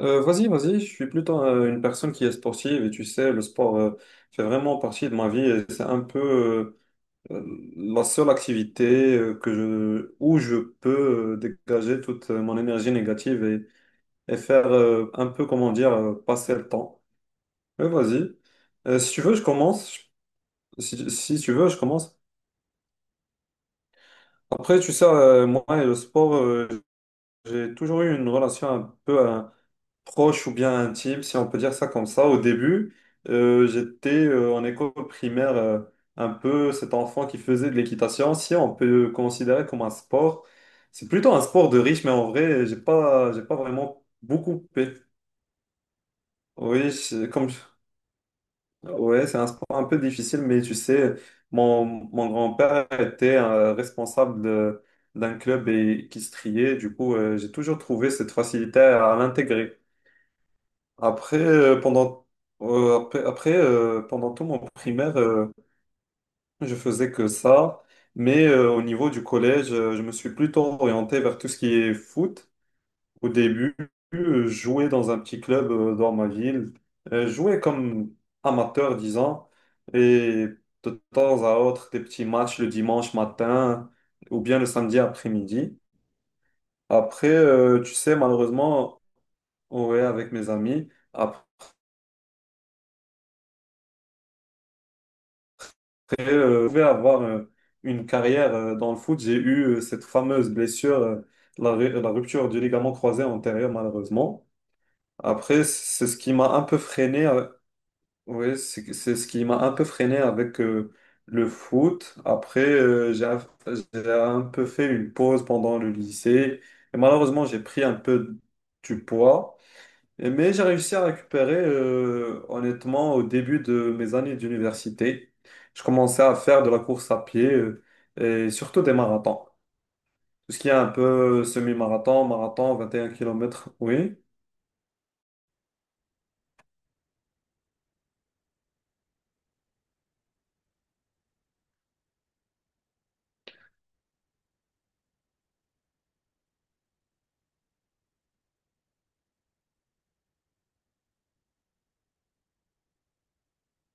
Vas-y, vas-y, je suis plutôt une personne qui est sportive et, tu sais, le sport fait vraiment partie de ma vie et c'est un peu la seule activité où je peux dégager toute mon énergie négative et faire un peu, comment dire, passer le temps. Mais vas-y. Si tu veux, je commence. Si tu veux, je commence. Après, tu sais, moi et le sport, j'ai toujours eu une relation un peu, hein, proche ou bien intime, si on peut dire ça comme ça. Au début, j'étais en école primaire, un peu cet enfant qui faisait de l'équitation, si on peut le considérer comme un sport. C'est plutôt un sport de riche, mais en vrai, j'ai pas vraiment beaucoup coupé. Oui, c'est comme, ouais, c'est un sport un peu difficile, mais tu sais, mon grand-père était d'un club, et qui se triait. Du coup, j'ai toujours trouvé cette facilité à l'intégrer. Après, pendant, après, après, Pendant tout mon primaire, je faisais que ça. Mais au niveau du collège, je me suis plutôt orienté vers tout ce qui est foot. Au début, je jouais dans un petit club dans ma ville. Je jouais comme amateur, disons, et de temps à autre, des petits matchs le dimanche matin ou bien le samedi après-midi. Après, tu sais, malheureusement, ouais, avec mes amis. Après, je pouvais avoir une carrière dans le foot. J'ai eu cette fameuse blessure, la rupture du ligament croisé antérieur, malheureusement. Après, c'est ce qui m'a un peu freiné oui, c'est ce qui m'a un peu freiné avec le foot. Après, j'ai un peu fait une pause pendant le lycée. Et malheureusement, j'ai pris un peu du poids. Et- mais j'ai réussi à récupérer, honnêtement, au début de mes années d'université. Je commençais à faire de la course à pied, et surtout des marathons. Tout ce qui est un peu semi-marathon, marathon, 21 kilomètres. Oui,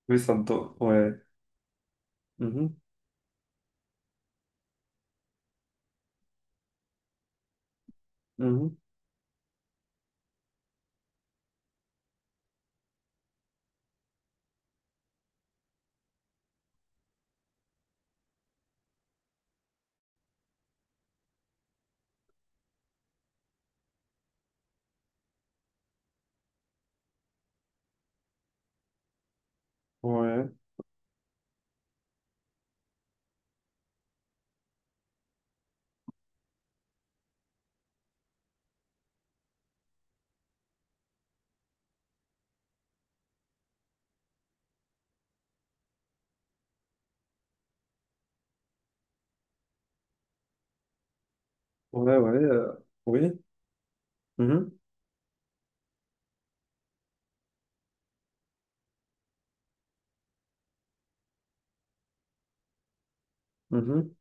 oui, ça me... do- ouais. Mhm, mhm. Ouais, ouais, ouais. Oui. Mhm, mhm.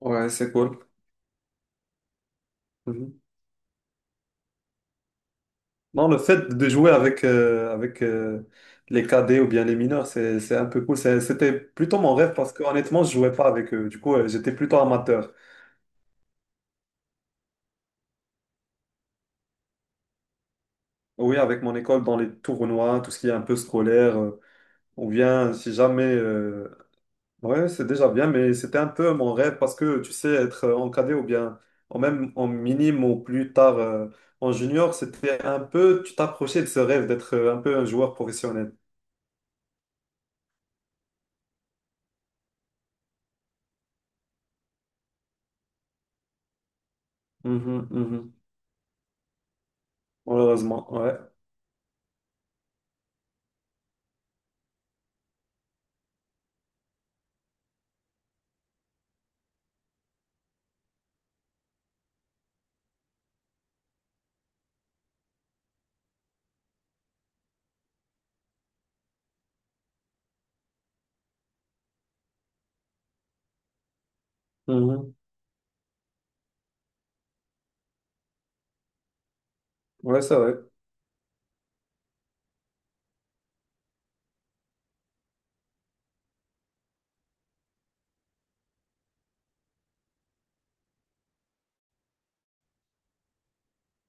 Ouais, c'est cool. Mhm. Non, le fait de jouer avec, les cadets ou bien les mineurs, c'est un peu cool. C'est- c'était plutôt mon rêve parce que, honnêtement, je jouais pas avec eux. Du coup, j'étais plutôt amateur. Oui, avec mon école dans les tournois, tout ce qui est un peu scolaire, ou bien si jamais... ouais, c'est déjà bien, mais c'était un peu mon rêve parce que, tu sais, être en cadet ou bien en même en minime ou plus tard en junior, c'était un peu... Tu t'approchais de ce rêve d'être un peu un joueur professionnel. Mhm, mhm. Malheureusement, ouais. Mhm. Ouais, c'est vrai.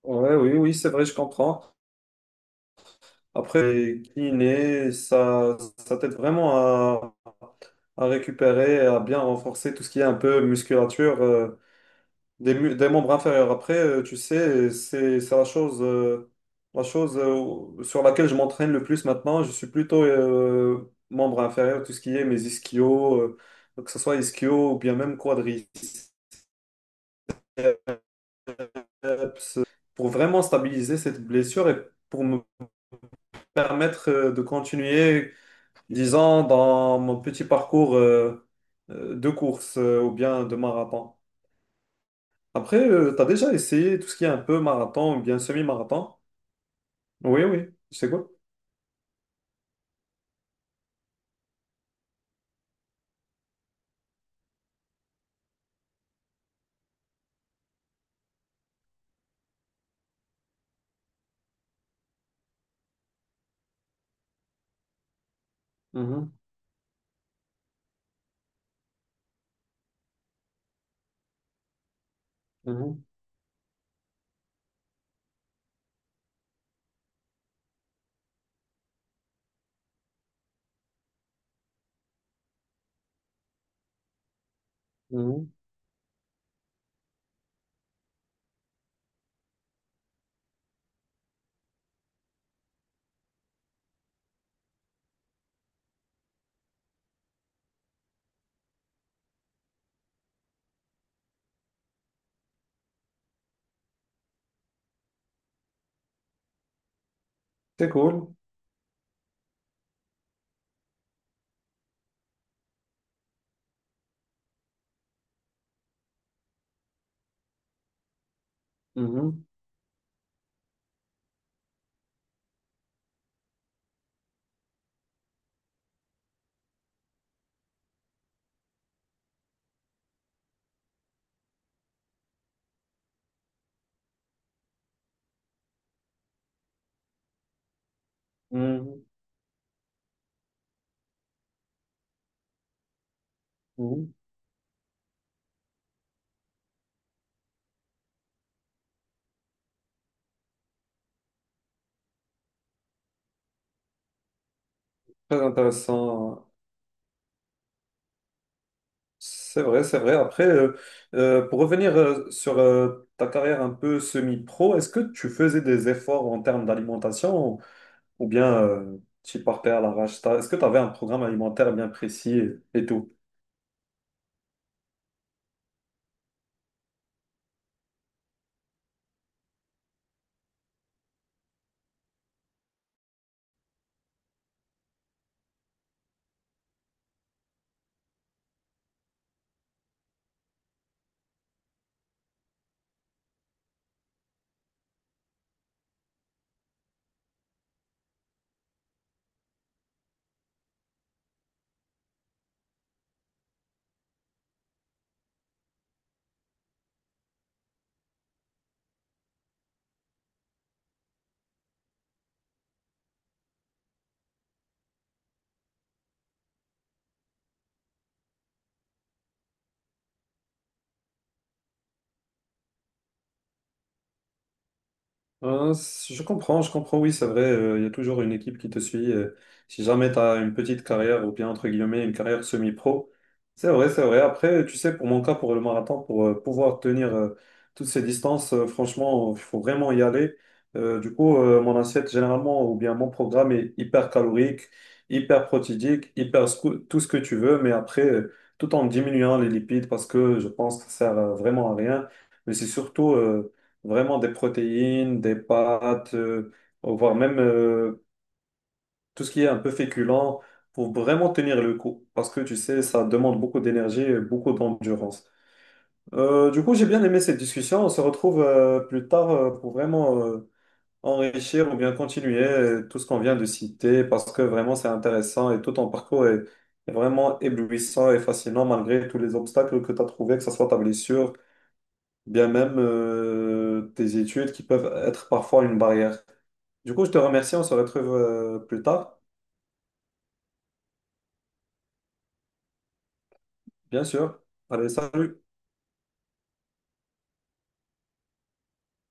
Ouais, oui, oui, c'est vrai, je comprends. Après, kiné, ça t'aide vraiment à récupérer, à bien renforcer tout ce qui est un peu musculature des membres inférieurs. Après, tu sais, c'est la chose sur laquelle je m'entraîne le plus maintenant. Je suis plutôt membre inférieur, tout ce qui est mes ischios, que ce soit ischio ou bien même quadriceps, biceps, pour vraiment stabiliser cette blessure et pour me permettre de continuer, disons, dans mon petit parcours de course ou bien de marathon. Après, tu as déjà essayé tout ce qui est un peu marathon ou bien semi-marathon? Oui, oui, c'est cool. Mhm, mhm, mhm. C'est cool. Mhm, mhm, mhm. Très intéressant. C'est vrai, c'est vrai. Après, pour revenir sur ta carrière un peu semi-pro, est-ce que tu faisais des efforts en termes d'alimentation, ou bien tu partais à l'arrache? T'as- est-ce que tu avais un programme alimentaire bien précis et tout? Je comprends, je comprends, oui, c'est vrai, il y a toujours une équipe qui te suit si jamais tu as une petite carrière, ou bien, entre guillemets, une carrière semi-pro. C'est vrai, c'est vrai. Après, tu sais, pour mon cas, pour le marathon, pour pouvoir tenir toutes ces distances, franchement, il faut vraiment y aller. Mon assiette, généralement, ou bien mon programme, est hyper calorique, hyper protidique, tout ce que tu veux, mais après, tout en diminuant les lipides, parce que je pense que ça sert vraiment à rien. Mais c'est surtout vraiment des protéines, des pâtes, voire même tout ce qui est un peu féculent, pour vraiment tenir le coup. Parce que tu sais, ça demande beaucoup d'énergie et beaucoup d'endurance. Du coup, j'ai bien aimé cette discussion. On se retrouve plus tard pour vraiment enrichir ou bien continuer tout ce qu'on vient de citer, parce que vraiment c'est intéressant et tout ton parcours est, est vraiment éblouissant et fascinant malgré tous les obstacles que tu as trouvés, que ce soit ta blessure bien même tes études qui peuvent être parfois une barrière. Du coup, je te remercie, on se retrouve plus tard, bien sûr. Allez, salut.